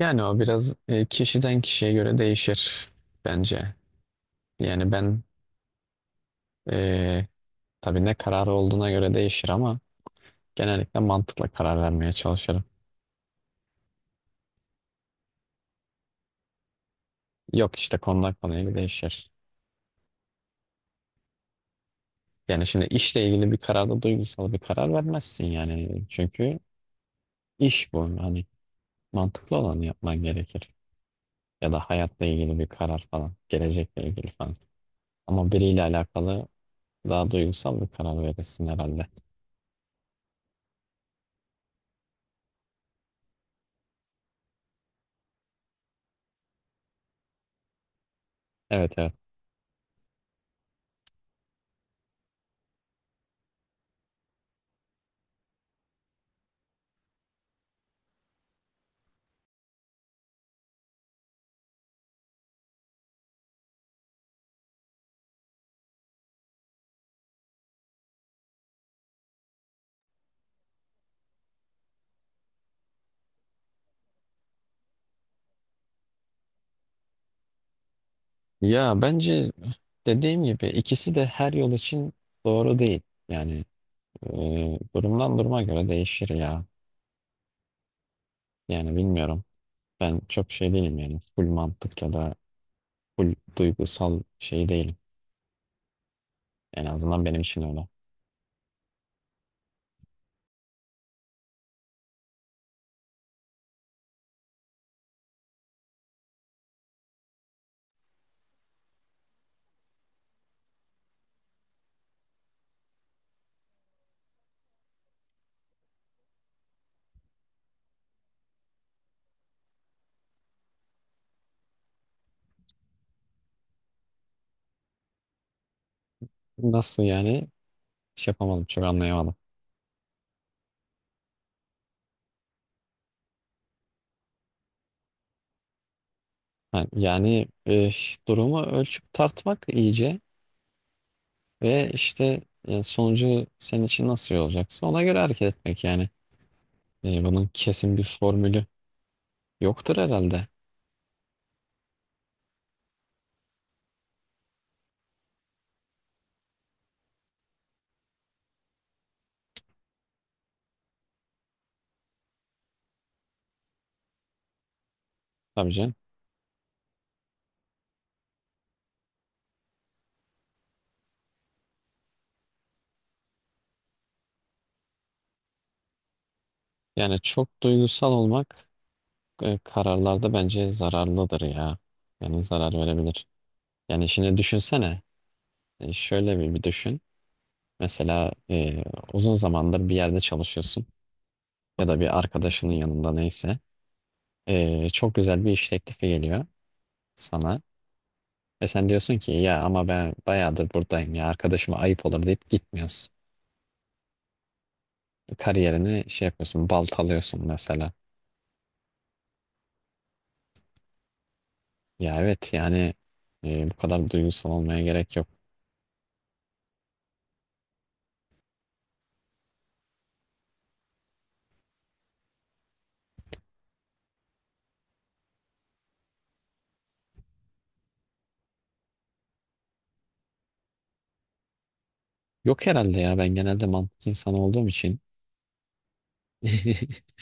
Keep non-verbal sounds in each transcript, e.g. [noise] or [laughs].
Yani o biraz kişiden kişiye göre değişir bence. Yani ben e, tabii ne kararı olduğuna göre değişir ama genellikle mantıkla karar vermeye çalışırım. Yok işte konudan konuya göre değişir. Yani şimdi işle ilgili bir kararda duygusal bir karar vermezsin yani. Çünkü iş bu. Hani mantıklı olanı yapman gerekir. Ya da hayatla ilgili bir karar falan. Gelecekle ilgili falan. Ama biriyle alakalı daha duygusal bir karar verirsin herhalde. Evet, evet. Ya bence dediğim gibi ikisi de her yol için doğru değil. Yani e, Durumdan duruma göre değişir ya. Yani bilmiyorum. Ben çok şey değilim yani. Full mantık ya da full duygusal şey değilim. En azından benim için öyle. Nasıl yani? Şey yapamadım. Çok anlayamadım. Ha, durumu ölçüp tartmak iyice ve işte sonucu senin için nasıl olacaksa ona göre hareket etmek yani. Bunun kesin bir formülü yoktur herhalde. Tabii canım. Yani çok duygusal olmak kararlarda bence zararlıdır ya. Yani zarar verebilir. Yani şimdi düşünsene. Şöyle bir düşün. Mesela uzun zamandır bir yerde çalışıyorsun ya da bir arkadaşının yanında neyse. Çok güzel bir iş teklifi geliyor sana. Ve sen diyorsun ki ya ama ben bayağıdır buradayım ya arkadaşıma ayıp olur deyip gitmiyorsun. Kariyerini şey yapıyorsun, baltalıyorsun mesela. Ya evet yani, bu kadar duygusal olmaya gerek yok. Yok herhalde ya, ben genelde mantık insanı olduğum için. [laughs]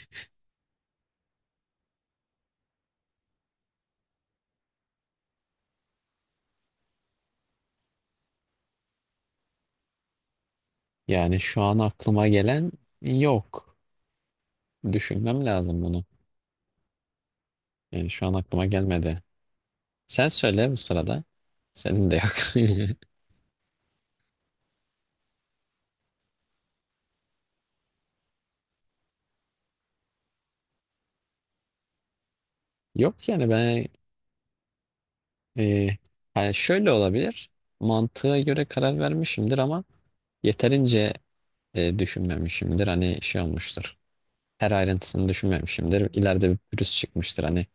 Yani şu an aklıma gelen yok. Düşünmem lazım bunu. Yani şu an aklıma gelmedi. Sen söyle bu sırada. Senin de yok. [laughs] Yok yani ben e, hani şöyle olabilir. Mantığa göre karar vermişimdir ama yeterince düşünmemişimdir. Hani şey olmuştur. Her ayrıntısını düşünmemişimdir. İleride bir pürüz çıkmıştır hani,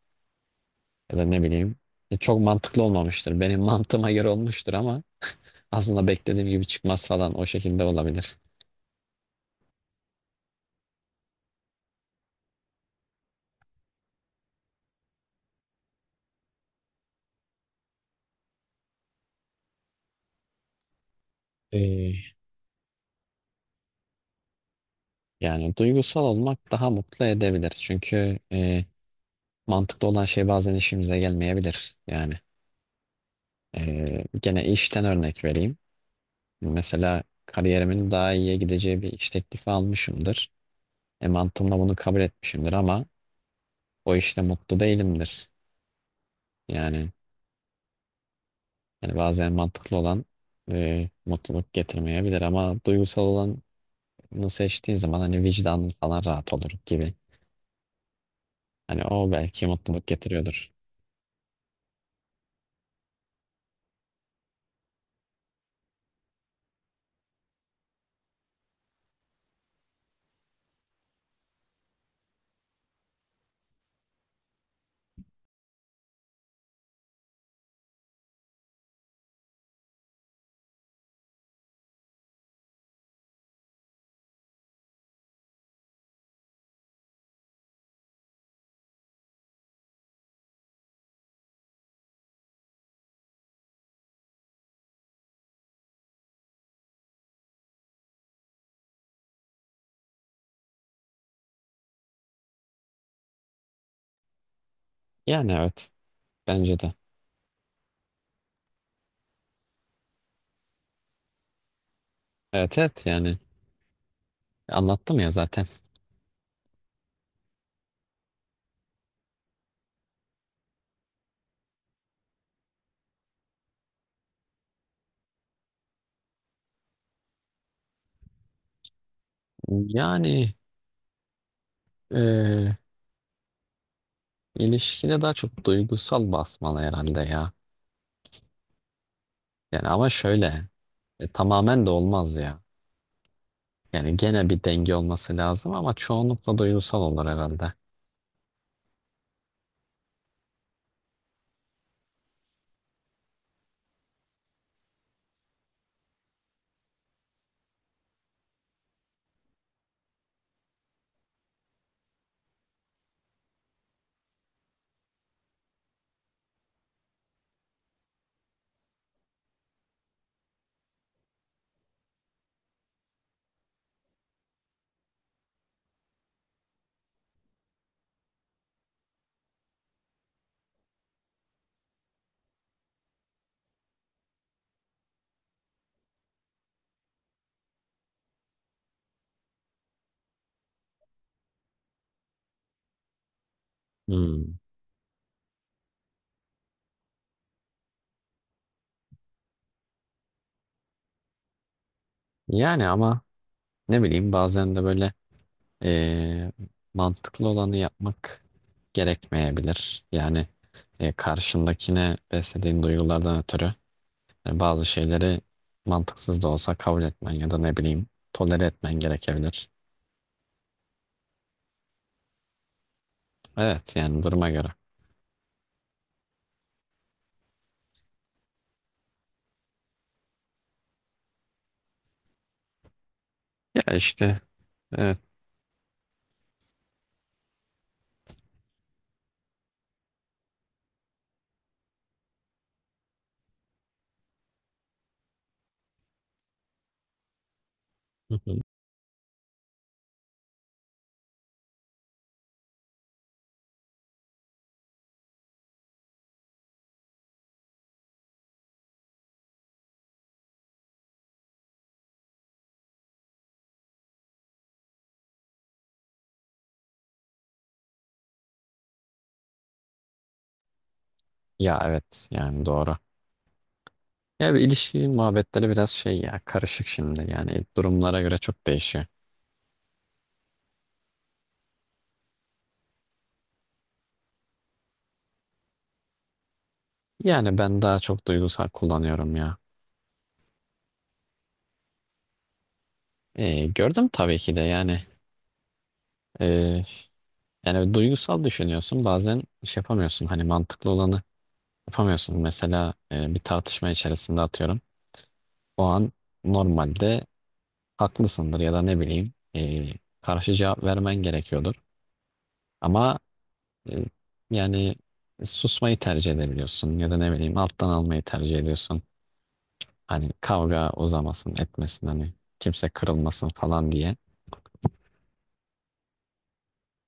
ya da ne bileyim. Çok mantıklı olmamıştır. Benim [laughs] mantığıma göre olmuştur ama aslında beklediğim gibi çıkmaz falan, o şekilde olabilir. Ee, Yani duygusal olmak daha mutlu edebilir. Çünkü mantıklı olan şey bazen işimize gelmeyebilir. Yani gene işten örnek vereyim. Mesela kariyerimin daha iyiye gideceği bir iş teklifi almışımdır. Mantığımla bunu kabul etmişimdir ama o işte mutlu değilimdir. Yani, yani bazen mantıklı olan mutluluk getirmeyebilir ama duygusal olanı seçtiğin zaman hani vicdanın falan rahat olur gibi. Hani o belki mutluluk getiriyordur. Yani evet. Bence de. Evet, evet yani. Anlattım ya zaten. Yani e, ilişkide daha çok duygusal basmalı herhalde ya. Yani ama şöyle, tamamen de olmaz ya. Yani gene bir denge olması lazım ama çoğunlukla duygusal olur herhalde. Hmm. Yani ama ne bileyim, bazen de böyle e, mantıklı olanı yapmak gerekmeyebilir. Yani karşındakine beslediğin duygulardan ötürü bazı şeyleri mantıksız da olsa kabul etmen ya da ne bileyim, tolere etmen gerekebilir. Evet yani, duruma göre. Ya işte evet. Hı hı. Ya evet yani, doğru. Ya bir ilişki muhabbetleri biraz şey ya, karışık şimdi yani, durumlara göre çok değişiyor. Yani ben daha çok duygusal kullanıyorum ya. Gördüm tabii ki de yani. e, Yani evet, duygusal düşünüyorsun bazen, şey yapamıyorsun hani mantıklı olanı yapamıyorsun. Mesela bir tartışma içerisinde atıyorum. O an normalde haklısındır ya da ne bileyim, karşı cevap vermen gerekiyordur. Ama e, yani susmayı tercih edebiliyorsun ya da ne bileyim, alttan almayı tercih ediyorsun. Hani kavga uzamasın, etmesin, hani kimse kırılmasın falan diye.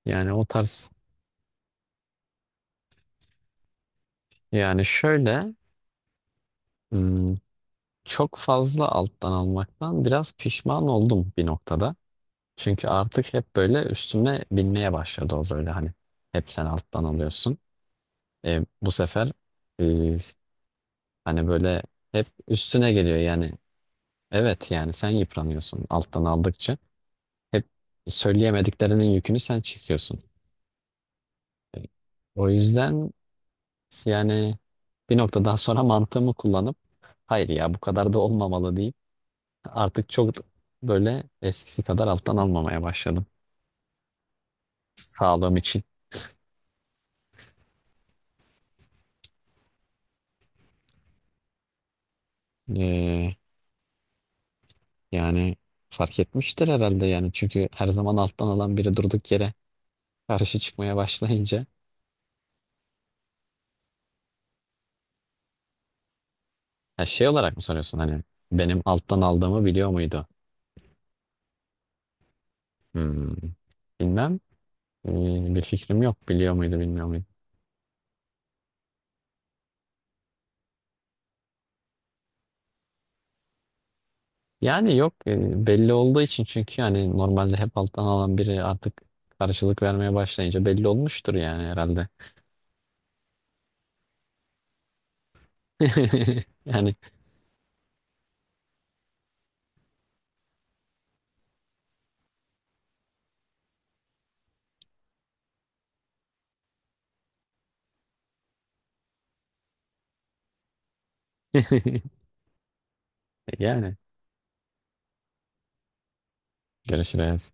Yani o tarz, yani şöyle hmm, çok fazla alttan almaktan biraz pişman oldum bir noktada. Çünkü artık hep böyle üstüme binmeye başladı o, böyle hani hep sen alttan alıyorsun. Bu sefer e, hani böyle hep üstüne geliyor yani. Evet yani, sen yıpranıyorsun alttan aldıkça. Hep söyleyemediklerinin yükünü sen çekiyorsun. E, O yüzden yani bir noktadan sonra [laughs] mantığımı kullanıp hayır ya bu kadar da olmamalı deyip artık çok böyle eskisi kadar alttan almamaya başladım. Sağlığım için. Ee, Yani fark etmiştir herhalde yani. Çünkü her zaman alttan alan biri durduk yere karşı çıkmaya başlayınca. Ha, şey olarak mı soruyorsun, hani benim alttan aldığımı biliyor muydu? Hmm, bilmem. Bir fikrim yok. Biliyor muydu, bilmiyor muydu? Yani yok, belli olduğu için, çünkü hani normalde hep alttan alan biri artık karşılık vermeye başlayınca belli olmuştur yani herhalde. [laughs] Yani [laughs] yani görüşürüz.